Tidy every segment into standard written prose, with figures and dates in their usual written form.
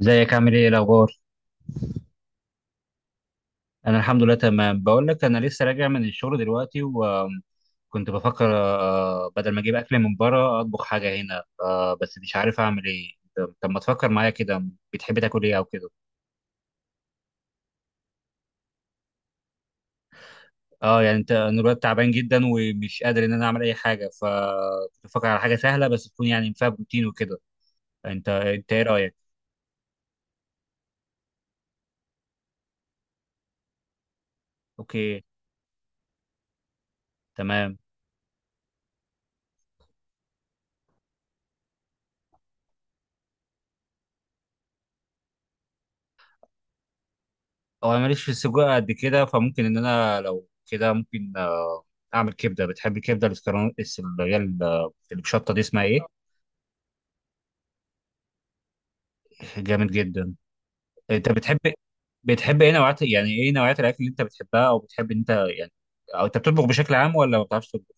ازيك عامل ايه إيه الاخبار؟ انا الحمد لله تمام. بقول لك انا لسه راجع من الشغل دلوقتي وكنت بفكر بدل ما اجيب اكل من بره اطبخ حاجه هنا، بس مش عارف اعمل ايه. طب ما تفكر معايا كده. بتحب تاكل ايه او كده؟ اه يعني انا دلوقتي تعبان جدا ومش قادر ان انا اعمل اي حاجه، فكنت بفكر على حاجه سهله بس تكون يعني فيها بروتين وكده. انت ايه رايك؟ اوكي. تمام. هو انا ماليش في السجق قد كده، فممكن ان انا لو كده ممكن، اعمل كبده. بتحب الكبده الاسكرون، اللي هي الشطه دي اسمها ايه؟ جامد جدا. انت بتحب، بتحب ايه نوعات؟ يعني ايه نوعيات الاكل اللي انت بتحبها او بتحب إن انت يعني، او انت بتطبخ بشكل عام ولا ما بتعرفش تطبخ؟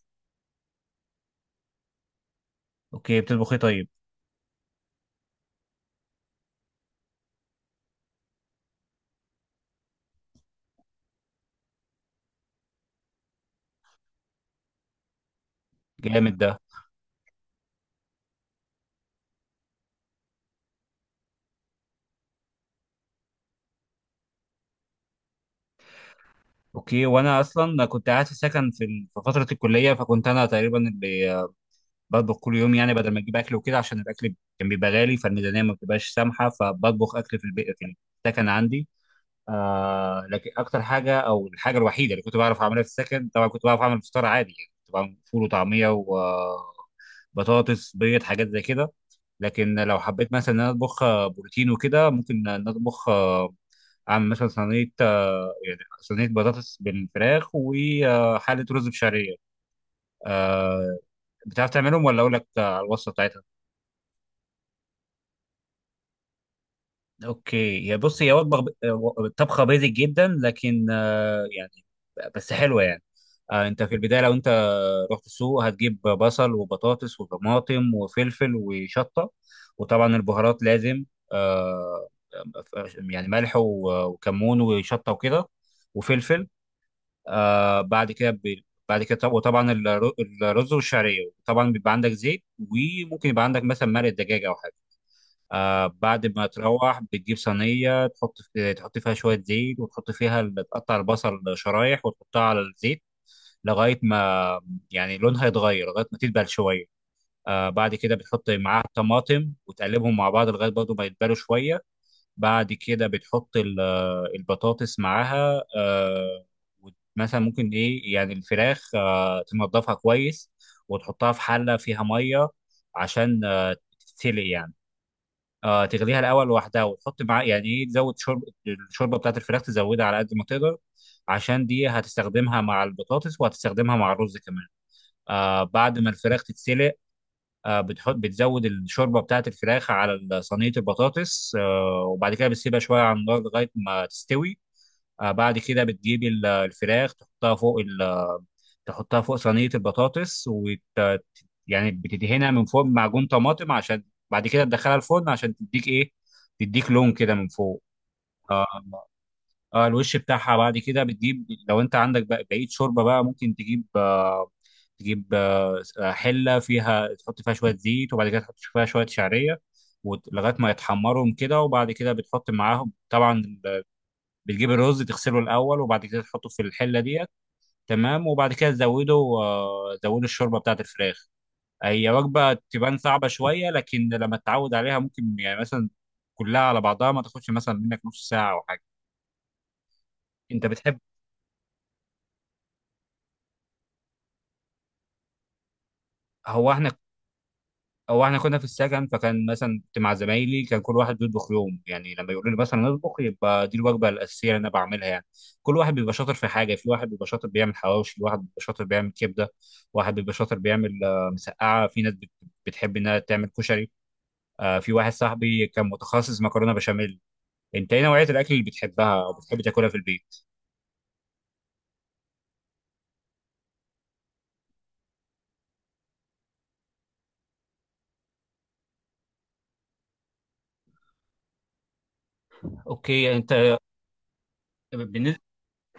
اوكي، بتطبخ ايه طيب؟ جامد ده. اوكي، وانا اصلا كنت قاعد في سكن في في فتره الكليه، فكنت انا تقريبا اللي بطبخ كل يوم، يعني بدل ما اجيب اكل وكده عشان الاكل كان بيبقى غالي فالميزانيه ما بتبقاش سامحه، فبطبخ اكل في البيت يعني. السكن عندي. آه لكن اكتر حاجه او الحاجه الوحيده اللي كنت بعرف اعملها في السكن، طبعا كنت بعرف اعمل فطار عادي يعني كنت بعمل فول وطعميه وبطاطس بيض حاجات زي كده. لكن لو حبيت مثلا ان انا اطبخ، بروتين وكده، ممكن ان أنا اطبخ، اعمل مثلا صينيه، يعني صينيه بطاطس بالفراخ وحاله رز بشعريه، آه، بتعرف تعملهم ولا اقول لك على الوصفه بتاعتها؟ اوكي، يا بص، هي وجبه طبخه بيزك جدا لكن آه، يعني بس حلوه يعني. انت في البدايه لو انت رحت السوق هتجيب بصل وبطاطس وطماطم وفلفل وشطه، وطبعا البهارات لازم، آه، يعني ملح وكمون وشطه وكده، وفلفل. آه، بعد كده بعد كده وطبعا الرز والشعريه طبعا بيبقى عندك زيت، وممكن يبقى عندك مثلا مرق دجاج او حاجه. آه بعد ما تروح بتجيب صينية، تحط في تحط فيها شوية زيت وتحط فيها تقطع البصل شرايح وتحطها على الزيت لغاية ما يعني لونها يتغير، لغاية ما تدبل شوية. آه بعد كده بتحط معاها الطماطم وتقلبهم مع بعض لغاية برضه ما يدبلوا شوية. بعد كده بتحط البطاطس معاها آه، مثلا ممكن إيه يعني الفراخ آه تنضفها كويس وتحطها في حلة فيها مية عشان آه، تتسلق يعني. آه تغليها الاول لوحدها وتحط معاه يعني ايه تزود شرب، الشوربه بتاعت الفراخ تزودها على قد ما تقدر عشان دي هتستخدمها مع البطاطس وهتستخدمها مع الرز كمان. آه بعد ما الفراخ تتسلق، آه بتحط بتزود الشوربه بتاعت الفراخ على صينيه البطاطس، آه وبعد كده بتسيبها شويه على النار لغايه ما تستوي. آه بعد كده بتجيب الفراخ تحطها فوق، تحطها فوق صينية البطاطس وت... يعني بتدهنها من فوق بمعجون طماطم، عشان بعد كده تدخلها الفرن عشان تديك ايه، تديك لون كده من فوق. آه, اه الوش بتاعها. بعد كده بتجيب لو انت عندك بقى بقية شوربة بقى، ممكن تجيب آه، تجيب آه حلة فيها، تحط فيها شوية زيت وبعد كده تحط فيها شوية شعرية، لغاية ما يتحمرهم كده، وبعد كده بتحط معاهم طبعا بتجيب الرز، تغسله الأول وبعد كده تحطه في الحلة دي. تمام، وبعد كده زودوا زودوا الشوربه بتاعت الفراخ. هي وجبه تبان صعبه شويه، لكن لما تتعود عليها ممكن يعني مثلا كلها على بعضها ما تاخدش مثلا منك نص ساعه او حاجه. انت بتحب، هو احنا هو احنا كنا في السكن، فكان مثلا كنت مع زمايلي، كان كل واحد بيطبخ يوم، يعني لما يقولوا لي مثلا اطبخ يبقى دي الوجبه الاساسيه اللي انا بعملها يعني. كل واحد بيبقى شاطر في حاجه، في واحد بيبقى شاطر بيعمل حواوشي، واحد بيبقى شاطر بيعمل كبده، واحد بيبقى شاطر بيعمل، مسقعه، في ناس بتحب انها تعمل كشري، في واحد صاحبي كان متخصص مكرونه بشاميل. انت ايه نوعيه الاكل اللي بتحبها او بتحب تاكلها في البيت؟ اوكي. انت بالنسبه،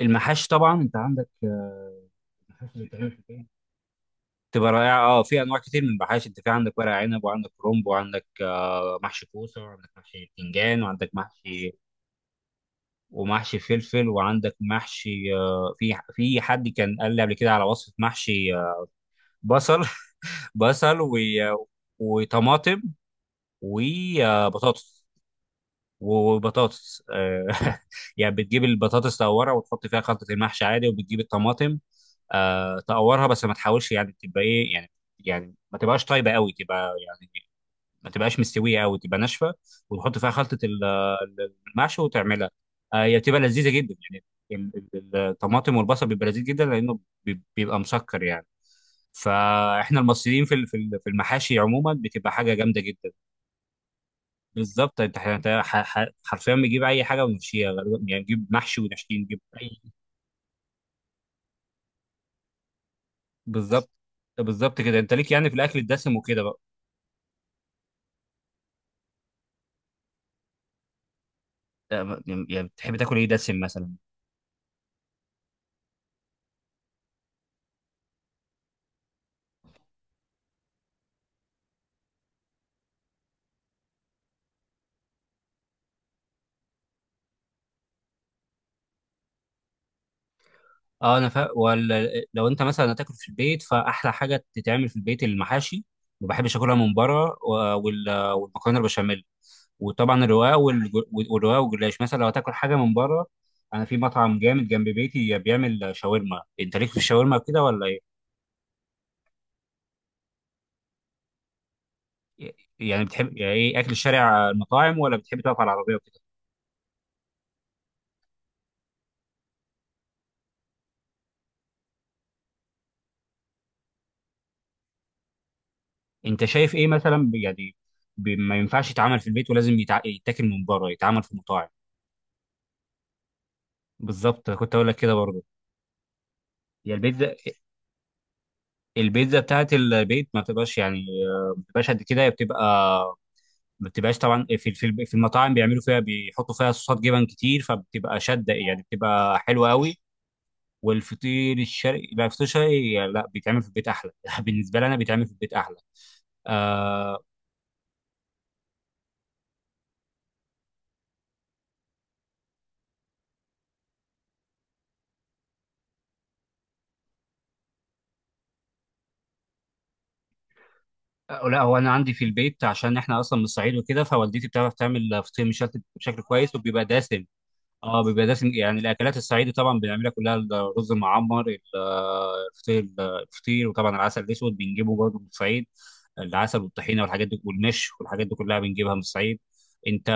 المحاشي طبعا انت عندك، المحاشي اللي بتتعمل في البيت تبقى رائعه. اه في انواع كتير من المحاشي، انت في عندك ورق عنب، وعندك كرنب، وعندك محشي كوسه، وعندك محشي باذنجان، وعندك محشي، ومحشي فلفل، وعندك محشي، في في حد كان قال لي قبل كده على وصفه محشي، بصل. بصل وطماطم وبطاطس، وبطاطس. يعني بتجيب البطاطس تقورها وتحط فيها خلطة المحشي عادي، وبتجيب الطماطم، تقورها بس ما تحاولش يعني تبقى ايه يعني، يعني ما تبقاش طيبة قوي، تبقى يعني ما تبقاش مستوية قوي، تبقى ناشفة، وتحط فيها خلطة المحشي وتعملها. آه، هي بتبقى لذيذة جدا يعني. الطماطم والبصل بيبقى لذيذ جدا لأنه بيبقى مسكر يعني. فاحنا المصريين في في المحاشي عموما بتبقى حاجة جامدة جدا. بالظبط، انت حرفيا بيجيب اي حاجه ويمشيها غالبا، يعني نجيب محشي ونشكي نجيب اي. بالظبط. بالظبط كده. انت ليك يعني في الاكل الدسم وكده بقى؟ اه، يعني بتحب تاكل ايه دسم مثلا؟ اه انا فا... ولا لو انت مثلا هتاكل في البيت فاحلى حاجه تتعمل في البيت المحاشي، ما بحبش اكلها من بره، و... والمكرونه البشاميل، وطبعا الرقاق والرقاق والجلاش. مثلا لو هتاكل حاجه من بره، انا في مطعم جامد جنب بيتي بيعمل شاورما. انت ليك في الشاورما كده ولا ايه؟ يعني بتحب يعني ايه اكل الشارع، المطاعم، ولا بتحب تقف على العربيه وكده؟ انت شايف ايه مثلا يعني ما ينفعش يتعمل في البيت ولازم يتع... يتاكل من بره، يتعمل في مطاعم؟ بالظبط، كنت اقول لك كده برضه. هي البيتزا، البيتزا بتاعت البيت ما بتبقاش يعني، آه، ما بتبقاش قد كده، هي بتبقى ما بتبقاش، طبعا في المطاعم بيعملوا فيها، بيحطوا فيها صوصات جبن كتير فبتبقى شاده يعني، بتبقى حلوه قوي. والفطير الشرقي، لا الفطير الشرقي لا بيتعمل في البيت احلى. بالنسبه لي انا بيتعمل في البيت احلى، آه، أه، لا هو انا عندي في البيت، عشان احنا اصلا من الصعيد وكده، فوالدتي بتعرف تعمل فطير مشلتت بشكل كويس وبيبقى دسم. اه بيبقى دسم. يعني الاكلات الصعيدي طبعا بنعملها كلها، الرز المعمر، الفطير، الفطير، وطبعا العسل الاسود بنجيبه برضه من الصعيد. العسل والطحينه والحاجات دي والنش والحاجات دي كلها بنجيبها من الصعيد. انت،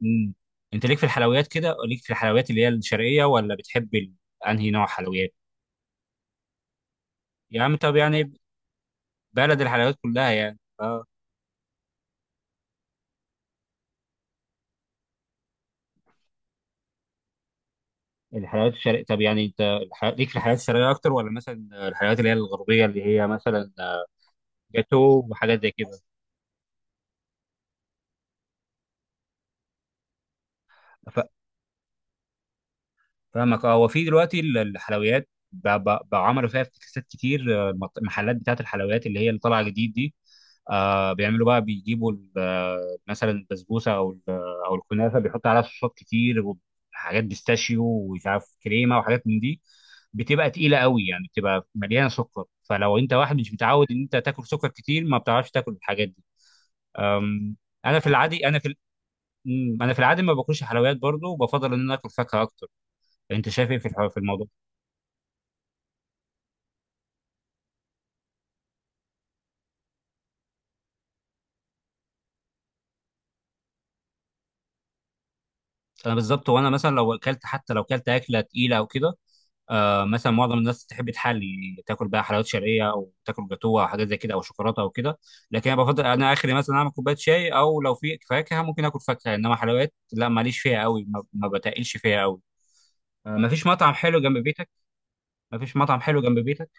مم. انت ليك في الحلويات كده؟ ليك في الحلويات اللي هي الشرقيه ولا بتحب انهي نوع حلويات؟ يا عم، طب يعني بلد الحلويات كلها يعني آه. الحلويات الشرقية. طب يعني انت الح... ليك في الحلويات الشرقية اكتر ولا مثلا الحلويات اللي هي الغربية، اللي هي مثلا جاتو وحاجات زي كده؟ فاهمك. اه هو في دلوقتي الحلويات بقوا عملوا فيها افتكاسات كتير. المحلات بتاعه الحلويات اللي هي اللي طالعه جديد دي، آه بيعملوا بقى بيجيبوا مثلا البسبوسه او او الكنافه، بيحطوا عليها صوصات كتير وحاجات بيستاشيو ومش عارف كريمه وحاجات من دي، بتبقى تقيله قوي يعني، بتبقى مليانه سكر، فلو انت واحد مش متعود ان انت تاكل سكر كتير ما بتعرفش تاكل الحاجات دي. أم، انا في العادي انا في انا في العادي ما باكلش حلويات برضه، وبفضل ان انا اكل فاكهه اكتر. انت شايف ايه في في الموضوع؟ انا بالظبط، وانا مثلا لو اكلت، حتى لو اكلت اكله تقيله او كده، آه مثلا معظم الناس تحب تحلي، تاكل بقى حلويات شرقيه او تاكل جاتوه او حاجات زي كده او شوكولاته او كده، لكن انا بفضل انا اخري مثلا اعمل كوبايه شاي، او لو في فاكهه ممكن اكل فاكهه، انما حلويات لا ماليش فيها قوي، ما بتقلش فيها قوي. ما فيش مطعم حلو جنب بيتك؟ ما فيش مطعم حلو جنب بيتك؟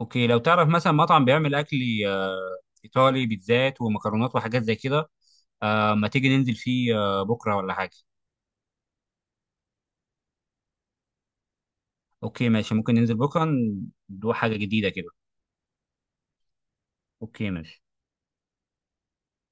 اوكي، لو تعرف مثلا مطعم بيعمل اكل، آه، ايطالي، بيتزات ومكرونات وحاجات زي كده، آه ما تيجي ننزل فيه آه بكره ولا حاجه؟ اوكي ماشي، ممكن ننزل بكره، ندوق حاجه جديده كده. اوكي ماشي.